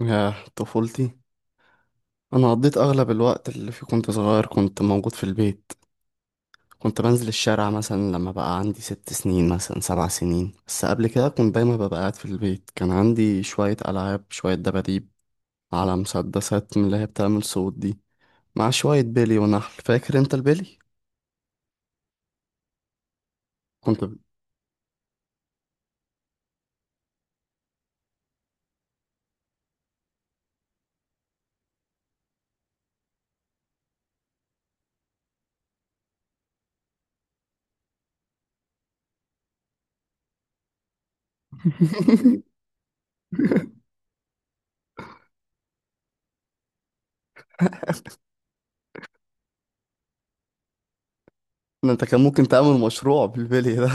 يا طفولتي، انا قضيت اغلب الوقت اللي فيه كنت صغير، كنت موجود في البيت. كنت بنزل الشارع مثلا لما بقى عندي 6 سنين، مثلا 7 سنين، بس قبل كده كنت دايما ببقى قاعد في البيت. كان عندي شوية ألعاب، شوية دباديب، على مسدسات من اللي هي بتعمل صوت دي، مع شوية بيلي ونحل. فاكر انت البيلي؟ كنت ب... ده انت كان ممكن تعمل مشروع بالبيلي ده.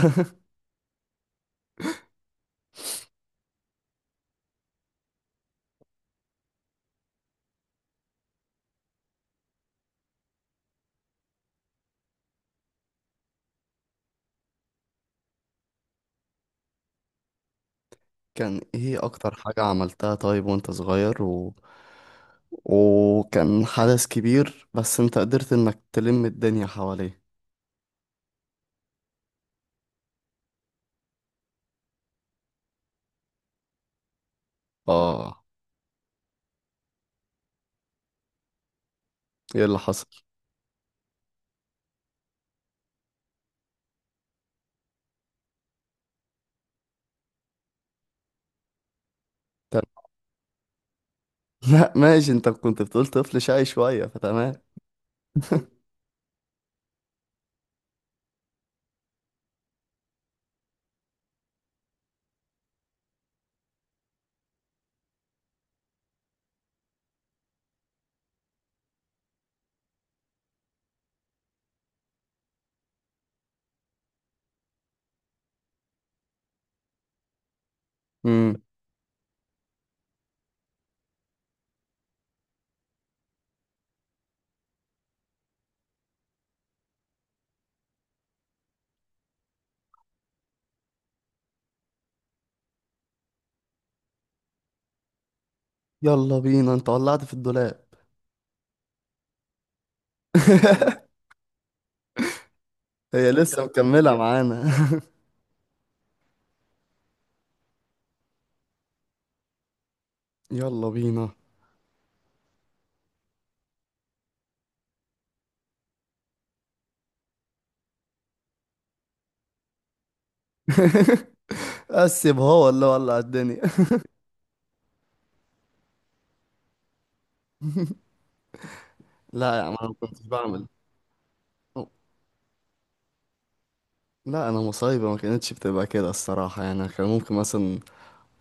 كان ايه اكتر حاجة عملتها طيب وانت صغير وكان حدث كبير، بس انت قدرت انك تلم الدنيا حواليه؟ اه. ايه اللي حصل؟ تم- لا ماشي، انت كنت بتقول طفل شقي شوية، فتمام. امم. يلا بينا، انت ولعت في الدولاب؟ هي لسه مكملة معانا؟ يلا بينا. قسم هو ولا ولع الدنيا. لا يا عم، انا ما كنتش بعمل. لا، انا مصايبه ما كانتش بتبقى كده الصراحه، يعني كان ممكن مثلا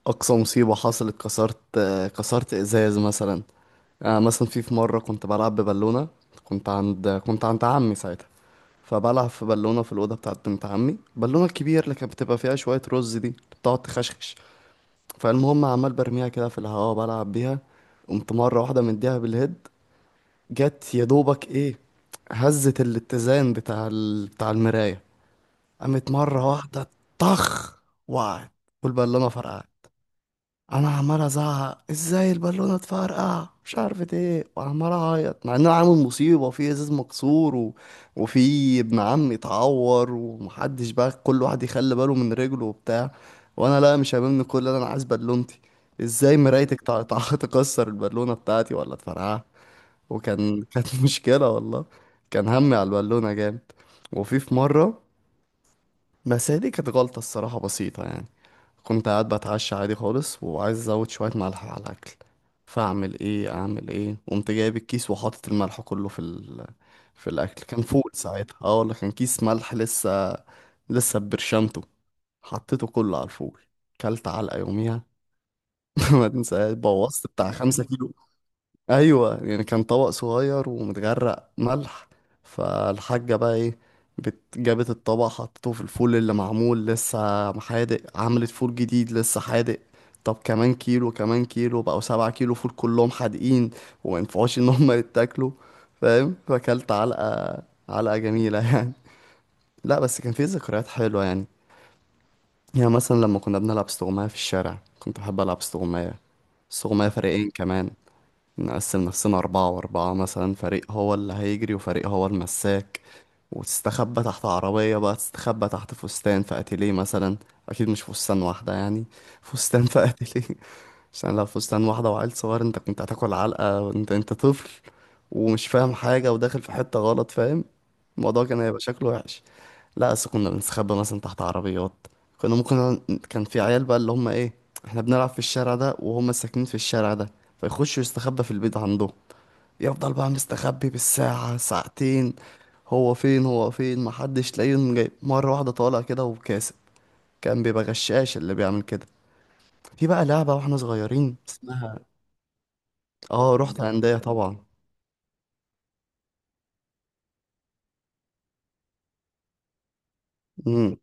اقصى مصيبه حصلت كسرت ازاز مثلا. مثلا في مره كنت بلعب ببالونه. كنت عند عمي ساعتها، فبلعب في بالونه في الاوضه بتاعت بنت عمي، بالونه الكبير اللي كانت بتبقى فيها شويه رز دي اللي بتقعد تخشخش. فالمهم، عمال برميها كده في الهواء بلعب بيها. قمت مره واحده مديها بالهيد. جت يا دوبك ايه، هزت الاتزان بتاع المرايه. قامت مره واحده، طخ، وقعت، والبالونه فرقعت. انا عمال ازعق ازاي البالونه اتفرقع مش عارف ايه، وعمال اعيط، مع ان انا عامل مصيبه في ازاز مكسور وفي ابن عمي اتعور، ومحدش بقى كل واحد يخلي باله من رجله وبتاع. وانا لا، مش هاممني كل ده، انا عايز بالونتي. ازاي مرايتك تكسر البالونه بتاعتي ولا تفرقعها؟ كانت مشكله والله. كان همي على البالونه جامد. وفي مره، بس هي دي كانت غلطه الصراحه بسيطه يعني. كنت قاعد بتعشى عادي خالص وعايز ازود شويه ملح على الاكل. فاعمل ايه، اعمل ايه، قمت جايب الكيس وحاطط الملح كله في الاكل. كان فول ساعتها، اه ولا كان كيس ملح لسه، لسه برشامته، حطيته كله على الفول. كلت علقه يوميها. ما تنساش بوظت بتاع 5 كيلو. ايوه يعني، كان طبق صغير ومتغرق ملح. فالحاجه بقى ايه، جابت الطبق حطته في الفول اللي معمول لسه حادق، عملت فول جديد لسه حادق. طب، كمان كيلو، كمان كيلو، بقوا 7 كيلو فول كلهم حادقين، وما ينفعوش ان هم يتاكلوا. فاهم. فاكلت علقه، علقه جميله يعني. لا بس كان في ذكريات حلوه يعني. يعني مثلا لما كنا بنلعب استغماية في الشارع، كنت بحب العب استغماية. استغماية فريقين كمان. نقسم نفسنا أربعة وأربعة مثلا، فريق هو اللي هيجري وفريق هو المساك. وتستخبى تحت عربية، بقى تستخبى تحت فستان في أتيليه مثلا. أكيد مش فستان واحدة يعني، فستان في أتيليه. عشان لو فستان واحدة وعيل صغير، أنت كنت هتاكل علقة. أنت طفل ومش فاهم حاجة وداخل في حتة غلط، فاهم؟ الموضوع كان هيبقى شكله وحش. لا، أصل كنا بنستخبى مثلا تحت عربيات. كنا ممكن، كان في عيال بقى اللي هم إيه، إحنا بنلعب في الشارع ده وهم ساكنين في الشارع ده، فيخشوا يستخبى في البيت عندهم. يفضل بقى مستخبي بالساعة ساعتين. هو فين هو فين، محدش تلاقيه، يوم جاي مرة واحدة طالع كده وكاسب. كان بيبقى غشاش اللي بيعمل كده. في بقى لعبة واحنا صغيرين اسمها... اه، رحت هندية طبعا. امم.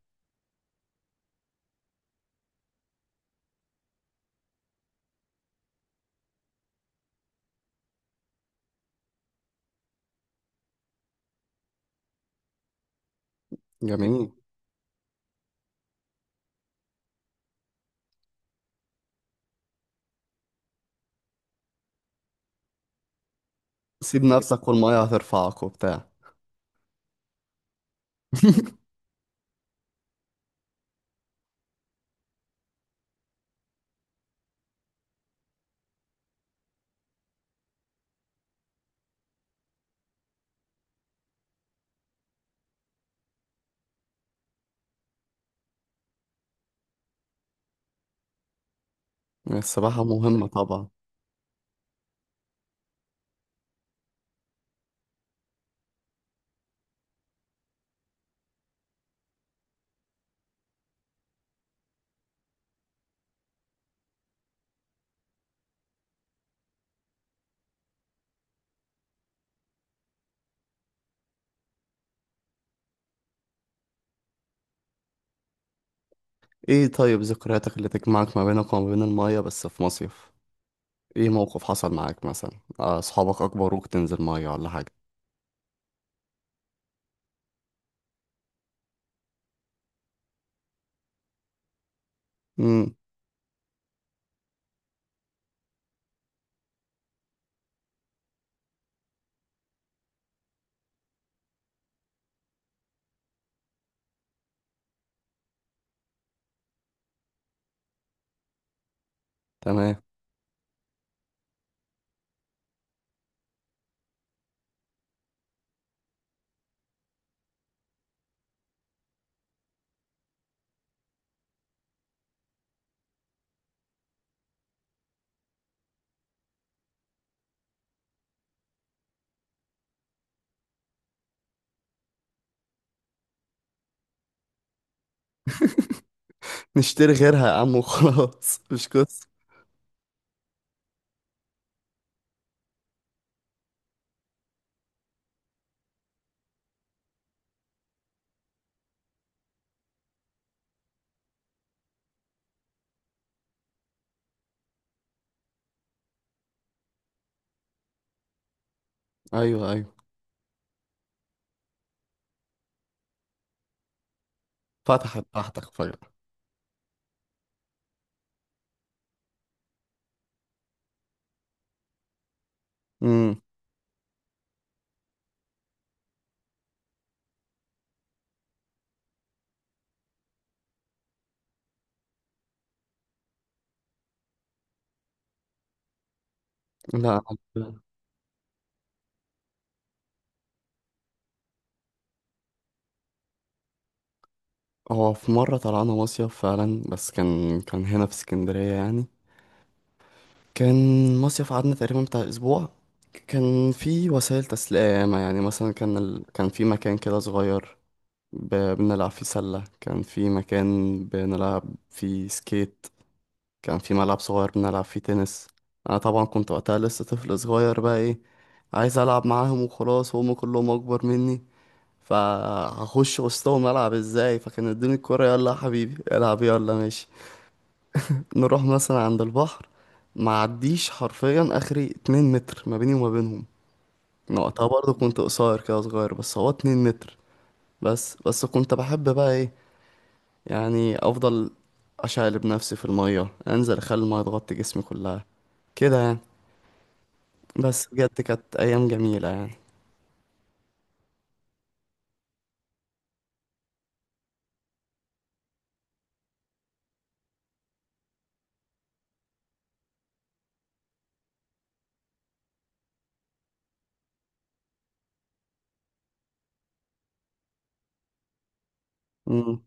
جميل. سيب نفسك والمية هترفعك وبتاع. السباحة مهمة طبعا. ايه، طيب ذكرياتك اللي تجمعك ما بينك وما بين المية بس في مصيف؟ ايه موقف حصل معاك مثلا؟ اصحابك اكبروك تنزل مية ولا حاجة؟ امم. تمام. نشتري غيرها يا عم وخلاص، مش قصة. ايوه، ايوه. فتحت تحتك فجأة؟ امم. لا، هو في مرة طلعنا مصيف فعلا، بس كان هنا في اسكندرية يعني. كان مصيف قعدنا تقريبا بتاع اسبوع. كان في وسائل تسلية ياما، يعني مثلا كان في مكان كده صغير بنلعب فيه سلة، كان في مكان بنلعب فيه سكيت، كان في ملعب صغير بنلعب فيه تنس. انا طبعا كنت وقتها لسه طفل صغير، بقى ايه، عايز العب معاهم وخلاص، وهم كلهم اكبر مني. فهخش وسطهم العب ازاي، فكان ادوني الكرة، يلا يا حبيبي العب، يلا ماشي. نروح مثلا عند البحر، معديش حرفيا اخري 2 متر ما بيني وما بينهم. أنا وقتها برضه كنت قصير كده صغير، بس هو 2 متر. بس كنت بحب بقى ايه، يعني افضل اشقلب نفسي في المية، انزل اخلي المية تغطي جسمي كلها كده يعني. بس بجد كانت أيام جميلة يعني. مم.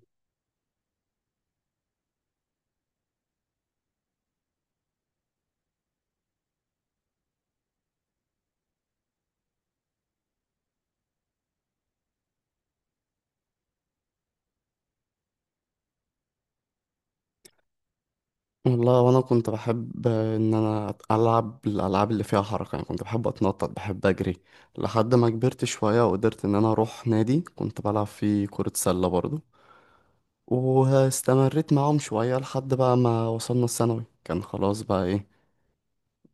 والله وأنا كنت بحب إن أنا ألعب الألعاب اللي فيها حركة، يعني كنت بحب أتنطط، بحب أجري. لحد ما كبرت شوية وقدرت إن أنا أروح نادي، كنت بلعب فيه كرة سلة برضه. واستمريت معاهم شوية لحد بقى ما وصلنا الثانوي، كان خلاص بقى إيه،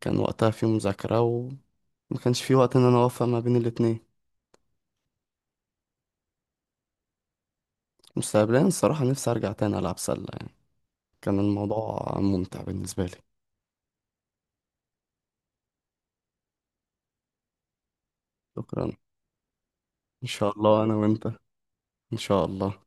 كان وقتها في مذاكرة وما كانش في وقت إن أنا أوفق ما بين الاتنين. مستقبليا الصراحة نفسي أرجع تاني ألعب سلة يعني، كان الموضوع ممتع بالنسبة لي. شكرا. إن شاء الله أنا وأنت. ان شاء الله.